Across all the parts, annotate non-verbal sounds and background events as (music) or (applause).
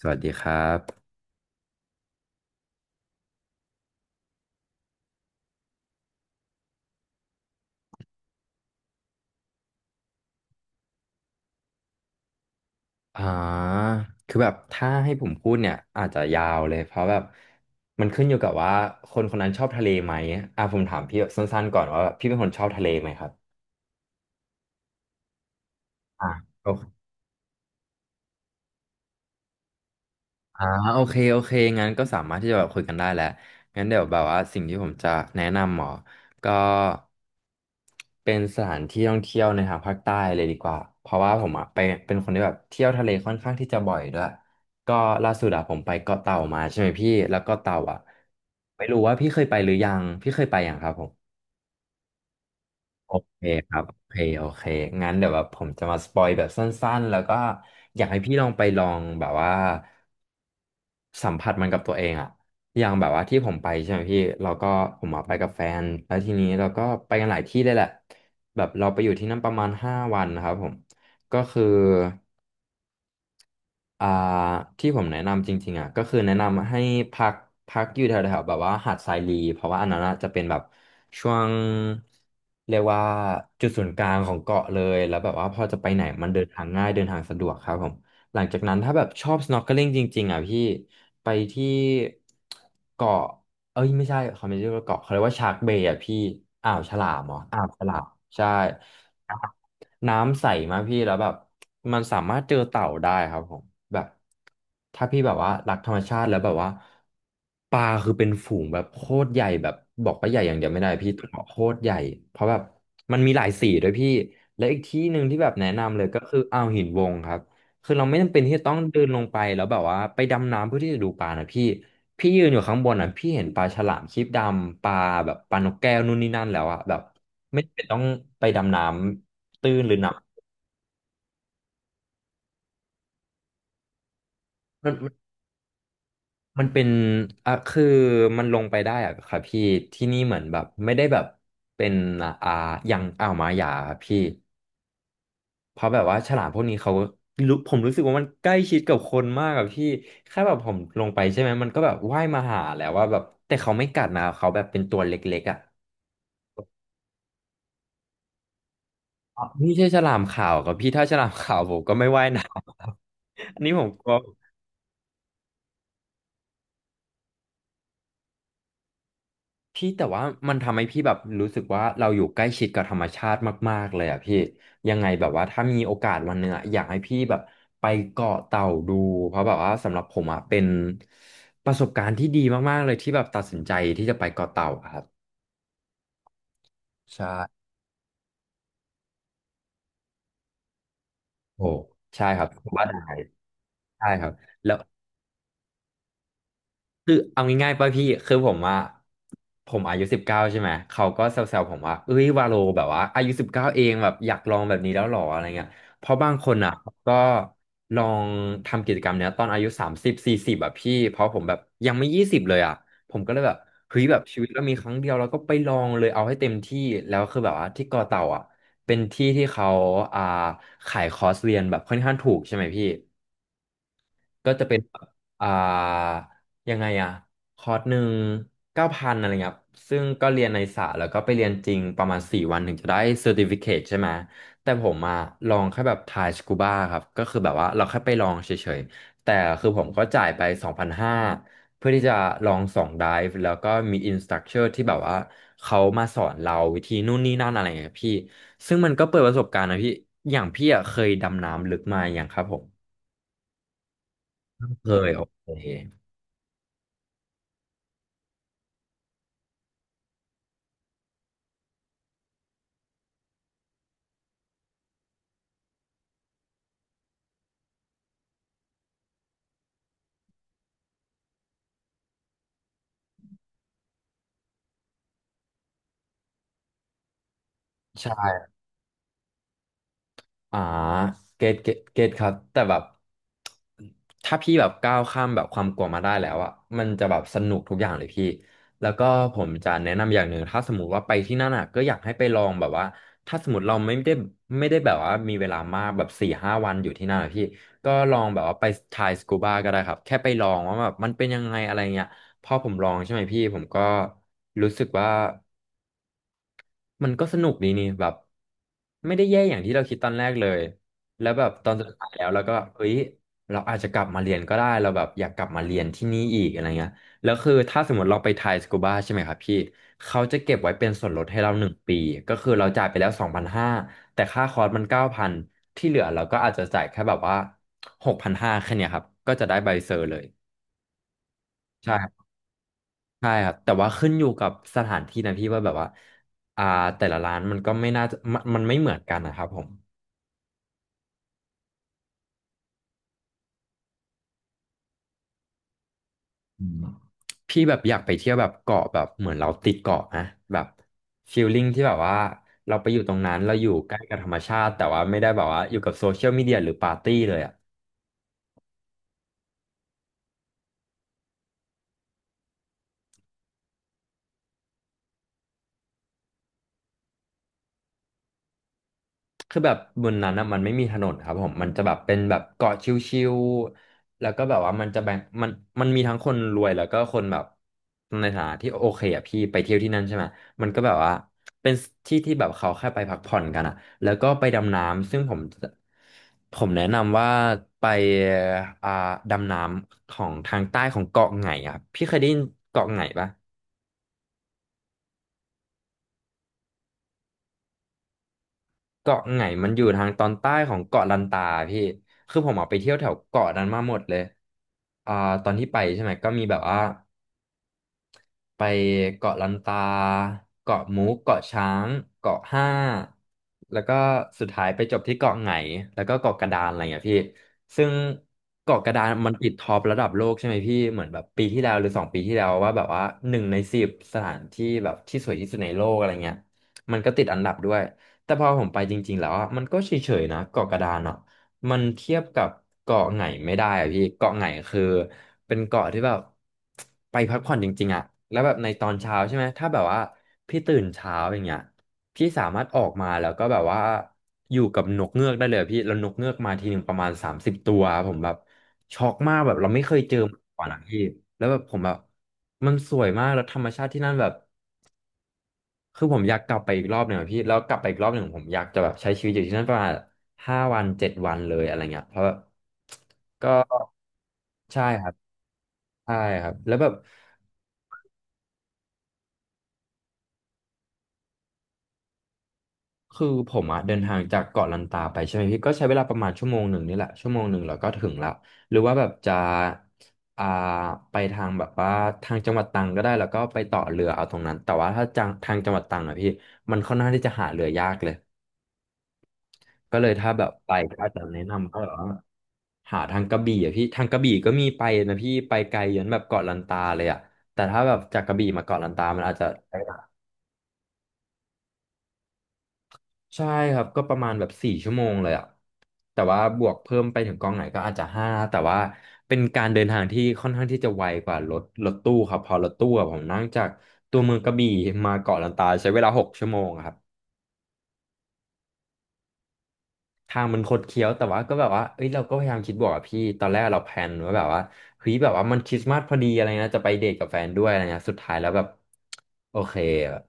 สวัสดีครับอ่าคือแบบถ้าให้ผมพูดเนี่ยอาจจะยาวเลยเพราะแบบมันขึ้นอยู่กับว่าคนคนนั้นชอบทะเลไหมอ่ะผมถามพี่แบบสั้นๆก่อนว่าแบบพี่เป็นคนชอบทะเลไหมครับอ่ะ อ่าโอเคโอเคงั้นก็สามารถที่จะแบบคุยกันได้แหละงั้นเดี๋ยวแบบว่าสิ่งที่ผมจะแนะนำหมอก็เป็นสถานที่ท่องเที่ยวในทางภาคใต้เลยดีกว่าเพราะว่าผมอ่ะไปเป็นคนที่แบบเที่ยวทะเลค่อนข้างที่จะบ่อยด้วยก็ล่าสุดอะผมไปเกาะเต่ามาใช่ไหมพี่แล้วเกาะเต่าอ่ะไม่รู้ว่าพี่เคยไปหรือยังพี่เคยไปยังครับผมโอเคครับโอเคโอเคงั้นเดี๋ยวแบบผมจะมาสปอยแบบสั้นๆแล้วก็อยากให้พี่ลองไปลองแบบว่า สัมผัสมันกับตัวเองอะอย่างแบบว่าที่ผมไปใช่ไหมพี่เราก็ผมอะไปกับแฟน แล้วทีนี้เราก็ไปกันหลายที่เลยแหละแบบเราไปอยู่ที่นั่นประมาณ5 วันนะครับผม ก็คือ อ่าที่ผมแนะนำจริงๆอ่ะก็คือแนะนำให้พักพักอยู่แถวๆแบบว่าหาดทรายลีเพราะว่าอันนั้นอะจะเป็นแบบช่วงเรียกว่าจุดศูนย์กลางของเกาะเลยแล้วแบบว่าพอจะไปไหนมันเดินทางง่ายเดินทางสะดวกครับผมหลังจากนั้นถ้าแบบชอบ snorkeling จริงๆอ่ะพี่ไปที่เกาะเอ้ยไม่ใช่เขาไม่เรียกว่าเกาะเขาเรียกว่าชาร์กเบย์อ่ะพี่อ่าวฉลามเหรออ่าวฉลามใช่ น้ำใสมากพี่แล้วแบบมันสามารถเจอเต่าได้ครับผมแบบถ้าพี่แบบว่ารักธรรมชาติแล้วแบบว่าปลาคือเป็นฝูงแบบโคตรใหญ่แบบบอกว่าใหญ่อย่างเดียวไม่ได้พี่โคตรใหญ่เพราะแบบมันมีหลายสีด้วยพี่และอีกที่หนึ่งที่แบบแนะนำเลยก็คืออ่าวหินวงครับคือเราไม่จำเป็นที่จะต้องเดินลงไปแล้วแบบว่าไปดำน้ำเพื่อที่จะดูปลานะพี่พี่ยืนอยู่ข้างบนอ่ะพี่เห็นปลาฉลามครีบดำปลาแบบปลานกแก้วนู่นนี่นั่นแล้วอ่ะแบบไม่จำเป็นต้องไปดำน้ำ ตื้นหรือหนักมันมันเป็นอ่ะคือมันลงไปได้อะครับพี่ที่นี่เหมือนแบบไม่ได้แบบเป็นอ่าอย่างอ่าวหมาหยาครับพี่เพราะแบบว่าฉลามพวกนี้เขารู้ผมรู้สึกว่ามันใกล้ชิดกับคนมากอะพี่แค่แบบผมลงไปใช่ไหมมันก็แบบว่ายมาหาแล้วว่าแบบแต่เขาไม่กัดนะเขาแบบเป็นตัวเล็กๆอ่ะอ๋อนี่ใช่ฉลามขาวกับพี่ถ้าฉลามขาวผมก็ไม่ว่ายนะอันนี้ผมกลัว พี่แต่ว่ามันทำให้พี่แบบรู้สึกว่าเราอยู่ใกล้ชิดกับธรรมชาติมากๆเลยอ่ะพี่ยังไงแบบว่าถ้ามีโอกาสวันหนึ่งอะอยากให้พี่แบบไปเกาะเต่าดูเพราะแบบว่าสำหรับผมอ่ะเป็นประสบการณ์ที่ดีมากๆเลยที่แบบตัดสินใจที่จะไปเกาะเต่าอะครับใช่โอ้ใช่ครับว่าได้ใช่ครับแล้ว คือเอาง่ายๆป่ะพี่คือผมว่าผมอายุสิบเก้าใช่ไหมเขาก็แซวๆผมว่าเอ้ยวาโลแบบว่าอายุสิบเก้าเองแบบอยากลองแบบนี้แล้วหรออะไรเงี้ยเพราะบางคนอ่ะก็ลองทำกิจกรรมเนี้ยตอนอายุ3040แบบพี่เพราะผมแบบยังไม่20เลยอ่ะผมก็เลยแบบเฮ้ยแบบชีวิตเรามีครั้งเดียวเราก็ไปลองเลยเอาให้เต็มที่แล้วคือแบบว่าที่กอเต่าอ่ะเป็นที่ที่เขาอ่าขายคอร์สเรียนแบบค่อนข้างถูกใช่ไหมพี่ ก็จะเป็นแบบอ่า ยังไงอะคอร์สหนึ่ง9,000อะไรเงี้ยครับซึ่งก็เรียนในสาแล้วก็ไปเรียนจริงประมาณ4 วันถึงจะได้เซอร์ติฟิเคตใช่ไหม แต่ผมอะลองแค่แบบทายสกูบ้าครับ ก็คือแบบว่าเราแค่ไปลองเฉยๆ แต่คือผมก็จ่ายไป2,500เพื่อที่จะลอง2 ไดฟ์แล้วก็มีอินสตั c เ o อร์ที่แบบว่าเขามาสอนเราวิธีนู่นนี่นั่นอะไรเงี้ยพี่ ซึ่งมันก็เปิดประสบการณ์นะพี่อย่างพี่อะเคยดำน้ำลึกมาอย่างครับผมเคยโอเค ใช่อ่าเกตครับแต่แบบถ้าพี่แบบก้าวข้ามแบบความกลัวมาได้แล้วอะมันจะแบบสนุกทุกอย่างเลยพี่แล้วก็ผมจะแนะนำอย่างหนึ่งถ้าสมมติว่าไปที่นั่นอะก็อยากให้ไปลองแบบว่าถ้าสมมติเราไม่ได้แบบว่ามีเวลามากแบบ4-5 วันอยู่ที่นั่นอะพี่ก็ลองแบบว่าไปทายสกูบาก็ได้ครับแค่ไปลองว่าแบบมันเป็นยังไงอะไรเงี้ยพอผมลองใช่ไหมพี่ผมก็รู้สึกว่า มันก็สนุกดีนี่แบบไม่ได้แย่อย่างที่เราคิดตอนแรกเลยแล้วแบบตอนสุดท้ายแล้วเราก็แบบเฮ้ยเราอาจจะกลับมาเรียนก็ได้เราแบบอยากกลับมาเรียนที่นี่อีกอะไรเงี้ยแล้วคือถ้าสมมติเราไปไทยสกูบาใช่ไหมครับพี่เขาจะเก็บไว้เป็นส่วนลดให้เรา1 ปีก็คือเราจ่ายไปแล้ว2,500แต่ค่าคอร์สมัน9,000ที่เหลือเราก็อาจจะจ่ายแค่แบบว่า6,500แค่เนี้ยครับก็จะได้ใบเซอร์เลยใช่ ใช่ครับแต่ว่าขึ้นอยู่กับสถานที่นะพี่ว่าแบบว่าอ่าแต่ละร้านมันก็ไม่น่าจะมันไม่เหมือนกันนะครับผมอืมพี่แบบอยากไปเที่ยวแบบเกาะแบบเหมือนเราติดเกาะนะแบบฟีลลิ่งที่แบบว่าเราไปอยู่ตรงนั้นเราอยู่ใกล้กับธรรมชาติแต่ว่าไม่ได้แบบว่าอยู่กับโซเชียลมีเดียหรือปาร์ตี้เลยอ่ะ คือแบบบนนั้นอะมันไม่มีถนนครับผมมันจะแบบเป็นแบบเกาะชิวๆแล้วก็แบบว่ามันจะแบ่งมันมันมีทั้งคนรวยแล้วก็คนแบบในฐานะที่โอเคอะพี่ไปเที่ยวที่นั่นใช่ไหมมันก็แบบว่าเป็นที่ที่แบบเขาแค่ไปพักผ่อนกันอะแล้วก็ไปดำน้ำซึ่งผมแนะนำว่าไปอ่าดำน้ำของทางใต้ของเกาะไหงอะครับพี่เคยได้ยินเกาะไหงปะ เกาะไหงมันอยู่ทางตอนใต้ของเกาะลันตาพี่คือผมออกไปเที่ยวแถวเกาะนั้นมาหมดเลยอ่าตอนที่ไปใช่ไหมก็มีแบบว่า ไปเกาะลันตาเกาะมุกเกาะช้างเกาะห้าแล้วก็สุดท้ายไปจบที่เกาะไหงแล้วก็เกาะกระดานอะไรอย่างเงี้ยพี่ซึ่งเกาะกระดานมันติดท็อประดับโลกใช่ไหมพี่เหมือนแบบปีที่แล้วหรือ2 ปีที่แล้วว่าแบบว่า1 ใน 10สถานที่แบบที่สวยที่สุดในโลกอะไรเงี้ยมันก็ติดอันดับด้วยแต่พอผมไปจริงๆแล้วอะมันก็เฉยๆนะเกาะกระดานอ่ะมันเทียบกับเกาะไหนไม่ได้อะพี่เกาะไหนคือ เป็นเกาะที่แบบ (tsk) ไปพักผ่อนจริงๆอะแล้วแบบในตอนเช้าใช่ไหมถ้าแบบว่าพี่ตื่นเช้าอย่างเงี้ยพี่สามารถออกมาแล้วก็แบบว่าอยู่กับนกเงือกได้เลยอะพี่แล้วนกเงือกมาทีหนึ่งประมาณ30 ตัวผมแบบช็อกมากแบบเราไม่เคยเจอมาก่อนอะพี่แล้วแบบผมแบบมันสวยมากแล้วธรรมชาติที่นั่นแบบ คือผมอยากกลับไปอีกรอบหนึ่งอะพี่แล้วกลับไปอีกรอบหนึ่งผมอยากจะแบบใช้ชีวิตอยู่ที่นั่นประมาณ5-7 วันเลยอะไรเงี้ยเพราะแบบก็ใช่ครับใช่ครับแล้วแบบคือผมอะเดินทางจากเกาะลันตาไปใช่ไหมพี่ก็ใช้เวลาประมาณชั่วโมงหนึ่งนี่แหละชั่วโมงหนึ่งเราก็ถึงละหรือว่าแบบจะอ่าไปทางแบบว่าทางจังหวัดตรังก็ได้แล้วก็ไปต่อเรือเอาตรงนั้นแต่ว่าถ้าจังทางจังหวัดตรังอะพี่มันค่อนข้างที่จะหาเรือยากเลย ก็เลยถ้าแบบไปก็อาจจะแนะนำก็แบบว่าหาทางกระบี่อะพี่ทางกระบี่ก็มีไปนะพี่ไปไกลยันแบบเกาะลันตาเลยอะแต่ถ้าแบบจากกระบี่มาเกาะลันตามันอาจจะใช้เวลาใช่ครับก็ประมาณแบบ4 ชั่วโมงเลยอะแต่ว่าบวกเพิ่มไปถึงกองไหนก็อาจจะห้าแต่ว่าเป็นการเดินทางที่ค่อนข้างที่จะไวกว่ารถตู้ครับเพอรถตู้อะผมนั่งจากตัวเมืองกระบี่มาเกาะลันตาใช้เวลา6 ชั่วโมงอะครับ ทางมันคดเคี้ยวแต่ว่าก็แบบว่าเอ้ยเราก็พยายามคิดบวกอะพี่ตอนแรกเราแพลนไว่าแบบว่าเฮ้ยแบบว่ามันคริสต์มาสพอดีอะไรนะจะไปเดทกับแฟนด้วยอะไรเงี้ยสุดท้ายแล้วแบบโอเคแบบ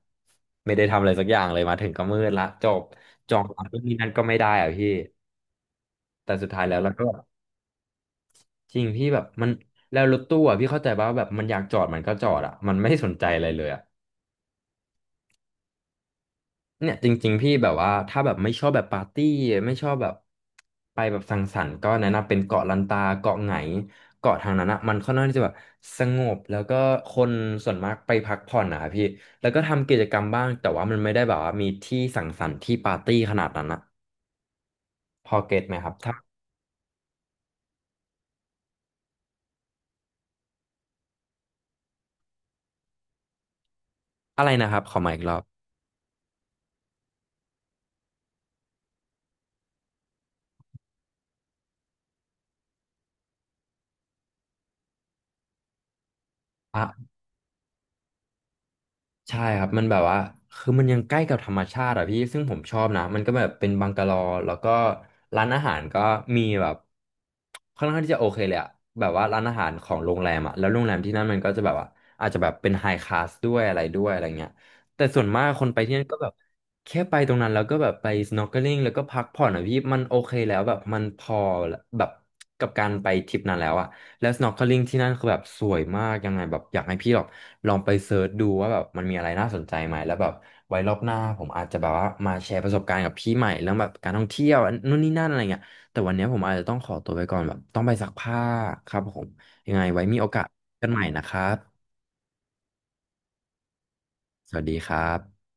ไม่ได้ทำอะไรสักอย่างเลยมาถึงก็มืดละจบจองร้านนู่นนี่นั่นก็ไม่ได้อะพี่แต่สุดท้ายแล้วเราก็แบบจริงพี่แบบมันแล้วรถตู้อะพี่เข้าใจป่ะว่าแบบมันอยากจอดมันก็จอดอะมันไม่สนใจอะไรเลยอะ เนี่ยจริงๆพี่แบบว่าถ้าแบบไม่ชอบแบบปาร์ตี้ไม่ชอบแบบไปแบบสังสรรค์ก็แนะนำเป็นเกาะลันตาเกาะไหงเกาะทางนั้นอะมันค่อนข้างที่จะแบบสงบแล้วก็คนส่วนมากไปพักผ่อนนะครับพี่แล้วก็ทำกิจกรรมบ้างแต่ว่ามันไม่ได้แบบว่ามีที่สังสรรค์ที่ปาร์ตี้ขนาดนั้นอะพอเก็ตไหมครับถ้าอะไรนะครับขอมาอีกรอบ ใช่ครับมันแบบว่าคือมันยังใกล้กับธรรมชาติอะพี่ซึ่งผมชอบนะมันก็แบบเป็นบังกะโลแล้วก็ร้านอาหารก็มีแบบค่อนข้างที่จะโอเคเลยอะแบบว่าร้านอาหารของโรงแรมอะแล้วโรงแรมที่นั่นมันก็จะแบบว่าอาจจะแบบเป็นไฮคลาสด้วยอะไรด้วยอะไรเงี้ยแต่ส่วนมากคนไปที่นั่นก็แบบแค่ไปตรงนั้นแล้วก็แบบไป snorkeling แล้วก็พักผ่อนอะพี่มันโอเคแล้วแบบมันพอแบบกับการไปทริปนั้นแล้วอะ แล้ว snorkeling ที่นั่นคือแบบสวยมากยังไงแบบอยากให้พี่แบบลองไปเซิร์ชดูว่าแบบมันมีอะไรน่าสนใจไหมแล้วแบบไว้รอบหน้าผมอาจจะแบบว่ามาแชร์ประสบการณ์กับพี่ใหม่เรื่องแบบการท่องเที่ยวนู่นนี่นั่นอะไรเงี้ยแต่วันเนี้ยผมอาจจะต้องขอตัวไปก่อนแบบต้องไปซักผ้าครับผมยังไงไว้มีโอกาสกันใหม่นะครับสวัสดีครับ